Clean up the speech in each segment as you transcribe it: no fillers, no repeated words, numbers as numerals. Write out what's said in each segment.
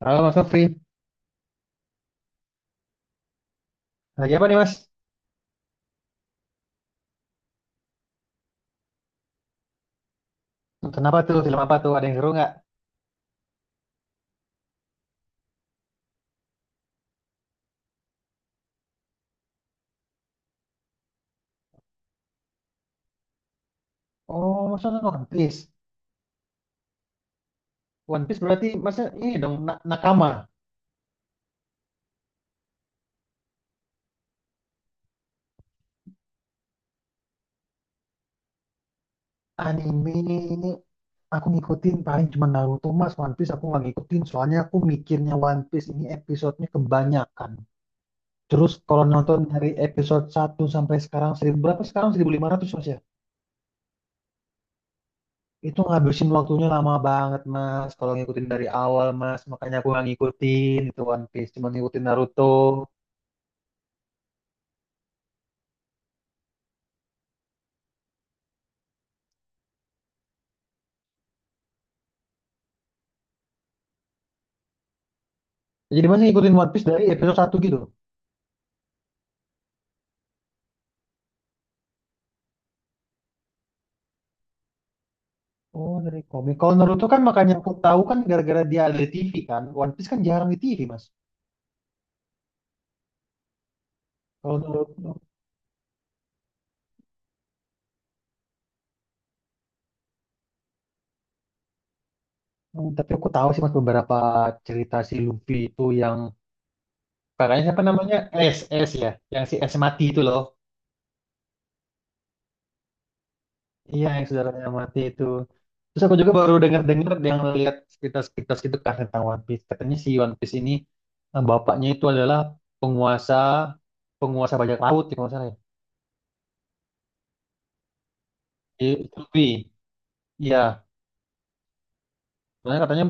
Halo Mas Sofri, lagi apa nih Mas? Nonton apa tuh? Film apa tuh? Ada yang seru nggak? Oh, Mas nonton One Piece. One Piece berarti Mas ini dong nakama. Anime ini aku ngikutin paling cuma Naruto Mas. One Piece aku nggak ngikutin soalnya aku mikirnya One Piece ini episodenya kebanyakan. Terus kalau nonton dari episode satu sampai sekarang 1.000 berapa, sekarang 1.500 Mas ya? Itu ngabisin waktunya lama banget Mas. Kalau ngikutin dari awal Mas, makanya aku nggak ngikutin itu One Piece. Cuma ngikutin Naruto. Jadi masih ngikutin One Piece dari episode satu gitu. Oh, dari komik. Kalau Naruto kan makanya aku tahu kan gara-gara dia ada di TV kan. One Piece kan jarang di TV, Mas. Kalau Naruto, hmm, tapi aku tahu sih Mas beberapa cerita si Luffy itu yang kakaknya siapa namanya? S, S ya. Yang si S mati itu loh. Iya, yang saudaranya mati itu. Terus aku juga baru dengar-dengar yang lihat sekitar-sekitar gitu kan tentang One Piece. Katanya si One Piece ini bapaknya itu adalah penguasa penguasa bajak laut ya kalau nggak salah ya. Luffy. Iya. Soalnya katanya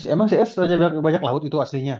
emang si S Raja Bajak Bajak Laut itu aslinya.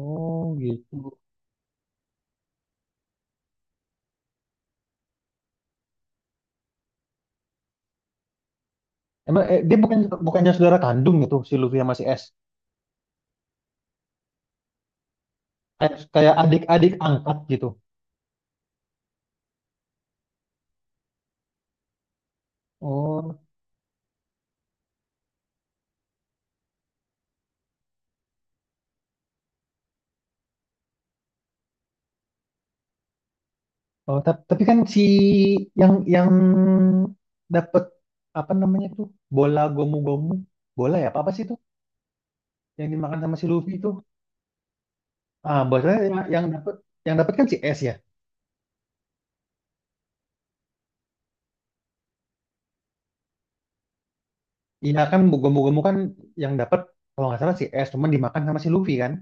Oh gitu. Emang dia bukan bukannya saudara kandung gitu si Luffy sama si S. Kayak kayak adik-adik angkat gitu. Oh, oh, tapi kan si yang dapat apa namanya tuh, bola gomu-gomu, bola ya apa apa sih itu yang dimakan sama si Luffy itu, bahasanya yang dapat kan si S ya, iya kan gomu-gomu kan yang dapat kalau nggak salah si S, cuman dimakan sama si Luffy kan.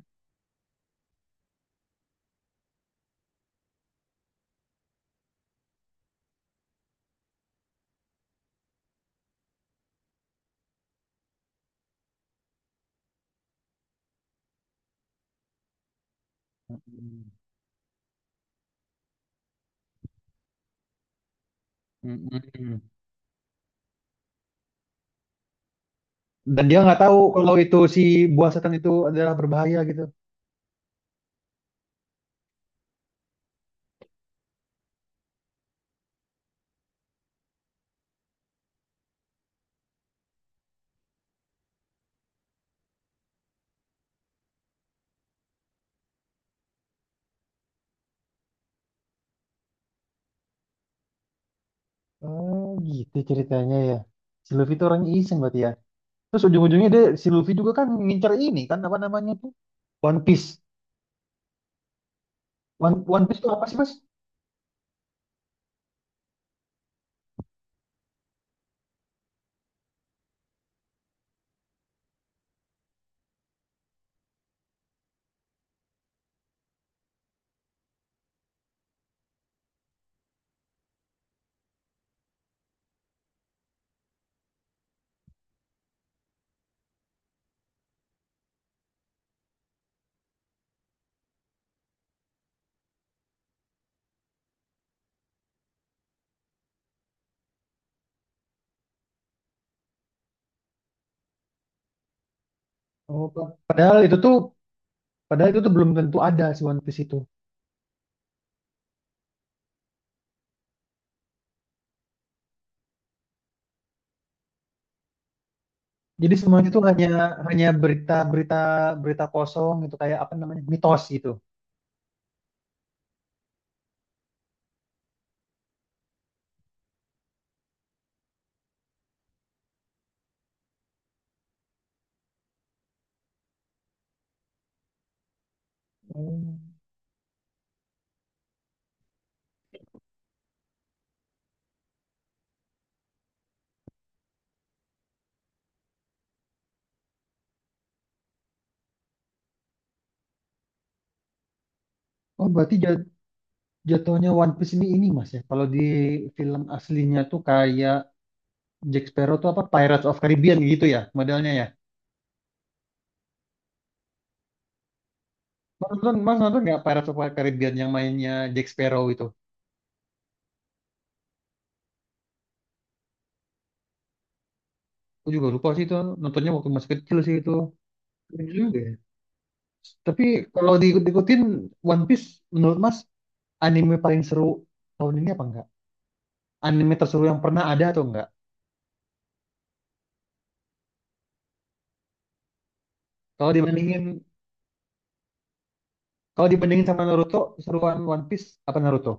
Mm-mm. Mm-mm. Dan dia nggak tahu kalau itu si buah setan itu adalah berbahaya gitu. Oh gitu ceritanya ya. Si Luffy itu orangnya iseng berarti ya. Terus ujung-ujungnya dia si Luffy juga kan ngincer ini kan apa namanya tuh? One Piece. One Piece itu apa sih Mas? Oh, padahal itu tuh belum tentu ada si One Piece itu. Jadi semuanya itu hanya hanya berita-berita, berita kosong gitu kayak apa namanya, mitos gitu. Hmm. Oh, berarti jatuhnya One Piece ini Mas ya. Kalau di film aslinya tuh kayak Jack Sparrow tuh apa Pirates of Caribbean gitu ya modelnya ya. Mas nonton nggak Pirates of Caribbean yang mainnya Jack Sparrow itu? Aku juga lupa sih itu, nontonnya waktu masih kecil sih itu. Keren juga ya. Tapi kalau diikut-ikutin, One Piece menurut Mas anime paling seru tahun ini apa enggak? Anime terseru yang pernah ada atau enggak? Kalau dibandingin kalau dibandingin sama Naruto, seruan One Piece apa Naruto?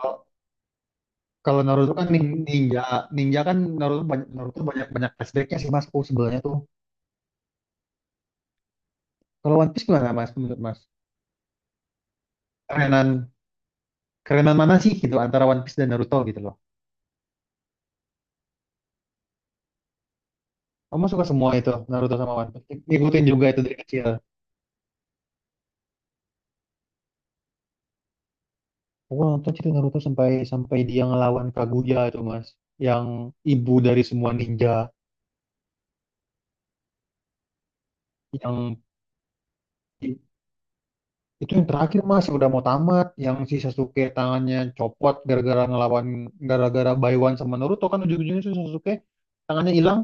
Kalau kalau Naruto kan ninja, kan Naruto banyak banyak flashbacknya sih Mas. Oh, sebenarnya tuh. Kalau One Piece gimana Mas, menurut Mas kerenan kerenan mana sih gitu antara One Piece dan Naruto gitu loh. Kamu suka semua itu, Naruto sama One Piece. Ngikutin juga itu dari kecil. Aku nonton cerita Naruto sampai sampai dia ngelawan Kaguya itu Mas, yang ibu dari semua ninja, yang itu yang terakhir Mas udah mau tamat, yang si Sasuke tangannya copot gara-gara Baiwan sama Naruto kan ujung-ujungnya si Sasuke tangannya hilang.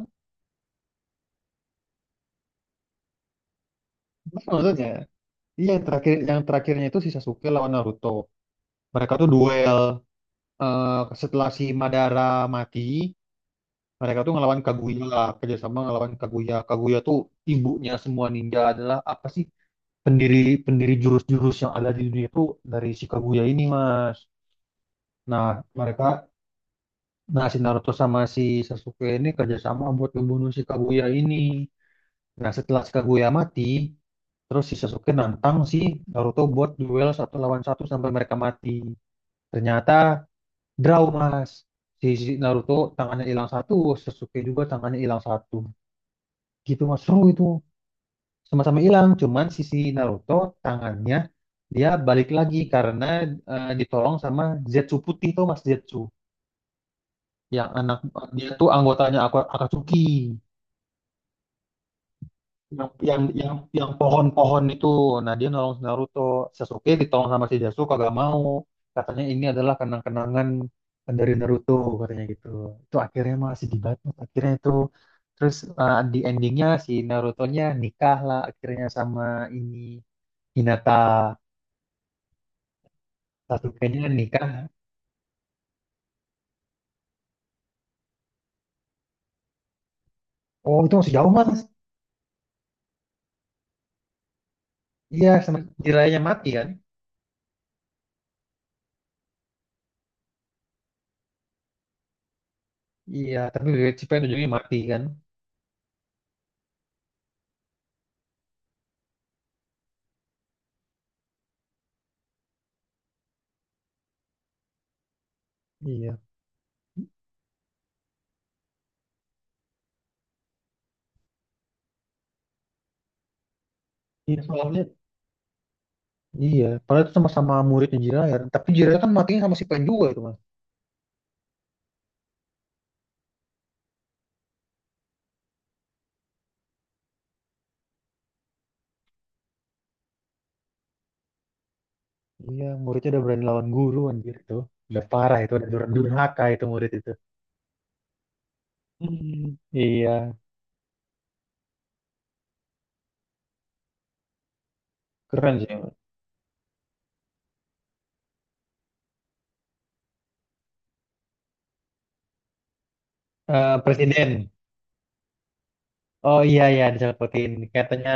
Maksudnya. Iya yang terakhirnya itu si Sasuke lawan Naruto. Mereka tuh duel, eh, setelah si Madara mati, mereka tuh ngelawan Kaguya, kerjasama ngelawan Kaguya. Kaguya tuh ibunya semua ninja, adalah apa sih? Pendiri pendiri jurus-jurus yang ada di dunia itu dari si Kaguya ini, Mas. Nah, mereka, nah, si Naruto sama si Sasuke ini kerjasama buat membunuh si Kaguya ini. Nah, setelah si Kaguya mati, terus si Sasuke nantang si Naruto buat duel satu lawan satu sampai mereka mati. Ternyata draw Mas. Si Naruto tangannya hilang satu, Sasuke juga tangannya hilang satu. Gitu Mas, seru itu. Sama-sama hilang, cuman si si Naruto tangannya dia balik lagi karena ditolong sama Zetsu putih tuh Mas, Zetsu. Yang anak, dia tuh anggotanya Akatsuki. Yang pohon-pohon itu, nah dia nolong si Naruto, Sasuke ditolong sama si Sasuke gak mau, katanya ini adalah kenang-kenangan dari Naruto, katanya gitu. Itu akhirnya masih dibantu akhirnya itu, terus di endingnya si Naruto-nya nikah lah akhirnya sama ini, Hinata. Sasuke-nya nikah. Oh itu masih jauh Mas. Iya, sama Jiraiya mati kan. Iya tapi si pengen ujungnya mati kan, iya. Iya, soalnya, iya, padahal itu sama-sama muridnya Jiraiya. Tapi Jiraiya kan matinya sama si Pen juga itu, Mas. Iya, muridnya udah berani lawan guru anjir itu. Udah parah itu, udah durhaka itu murid itu. Hmm, iya, keren sih. Eh, presiden. Oh iya iya, disapotin. Katanya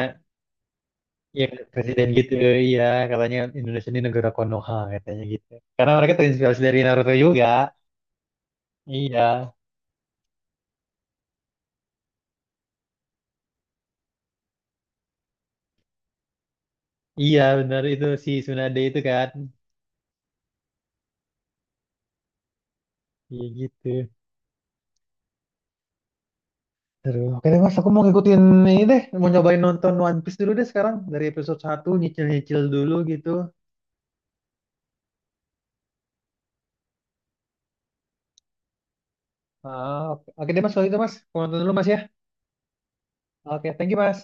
ya, presiden gitu. Iya, katanya Indonesia ini negara Konoha katanya gitu. Karena mereka terinspirasi dari Naruto juga. Iya. Iya, benar itu si Tsunade itu kan. Iya gitu. Aduh, oke deh Mas, aku mau ngikutin ini deh, mau nyobain nonton One Piece dulu deh sekarang, dari episode satu, nyicil-nyicil dulu gitu. Ah, oke. Oke deh Mas, kalau gitu Mas, aku nonton dulu Mas ya. Oke, thank you Mas.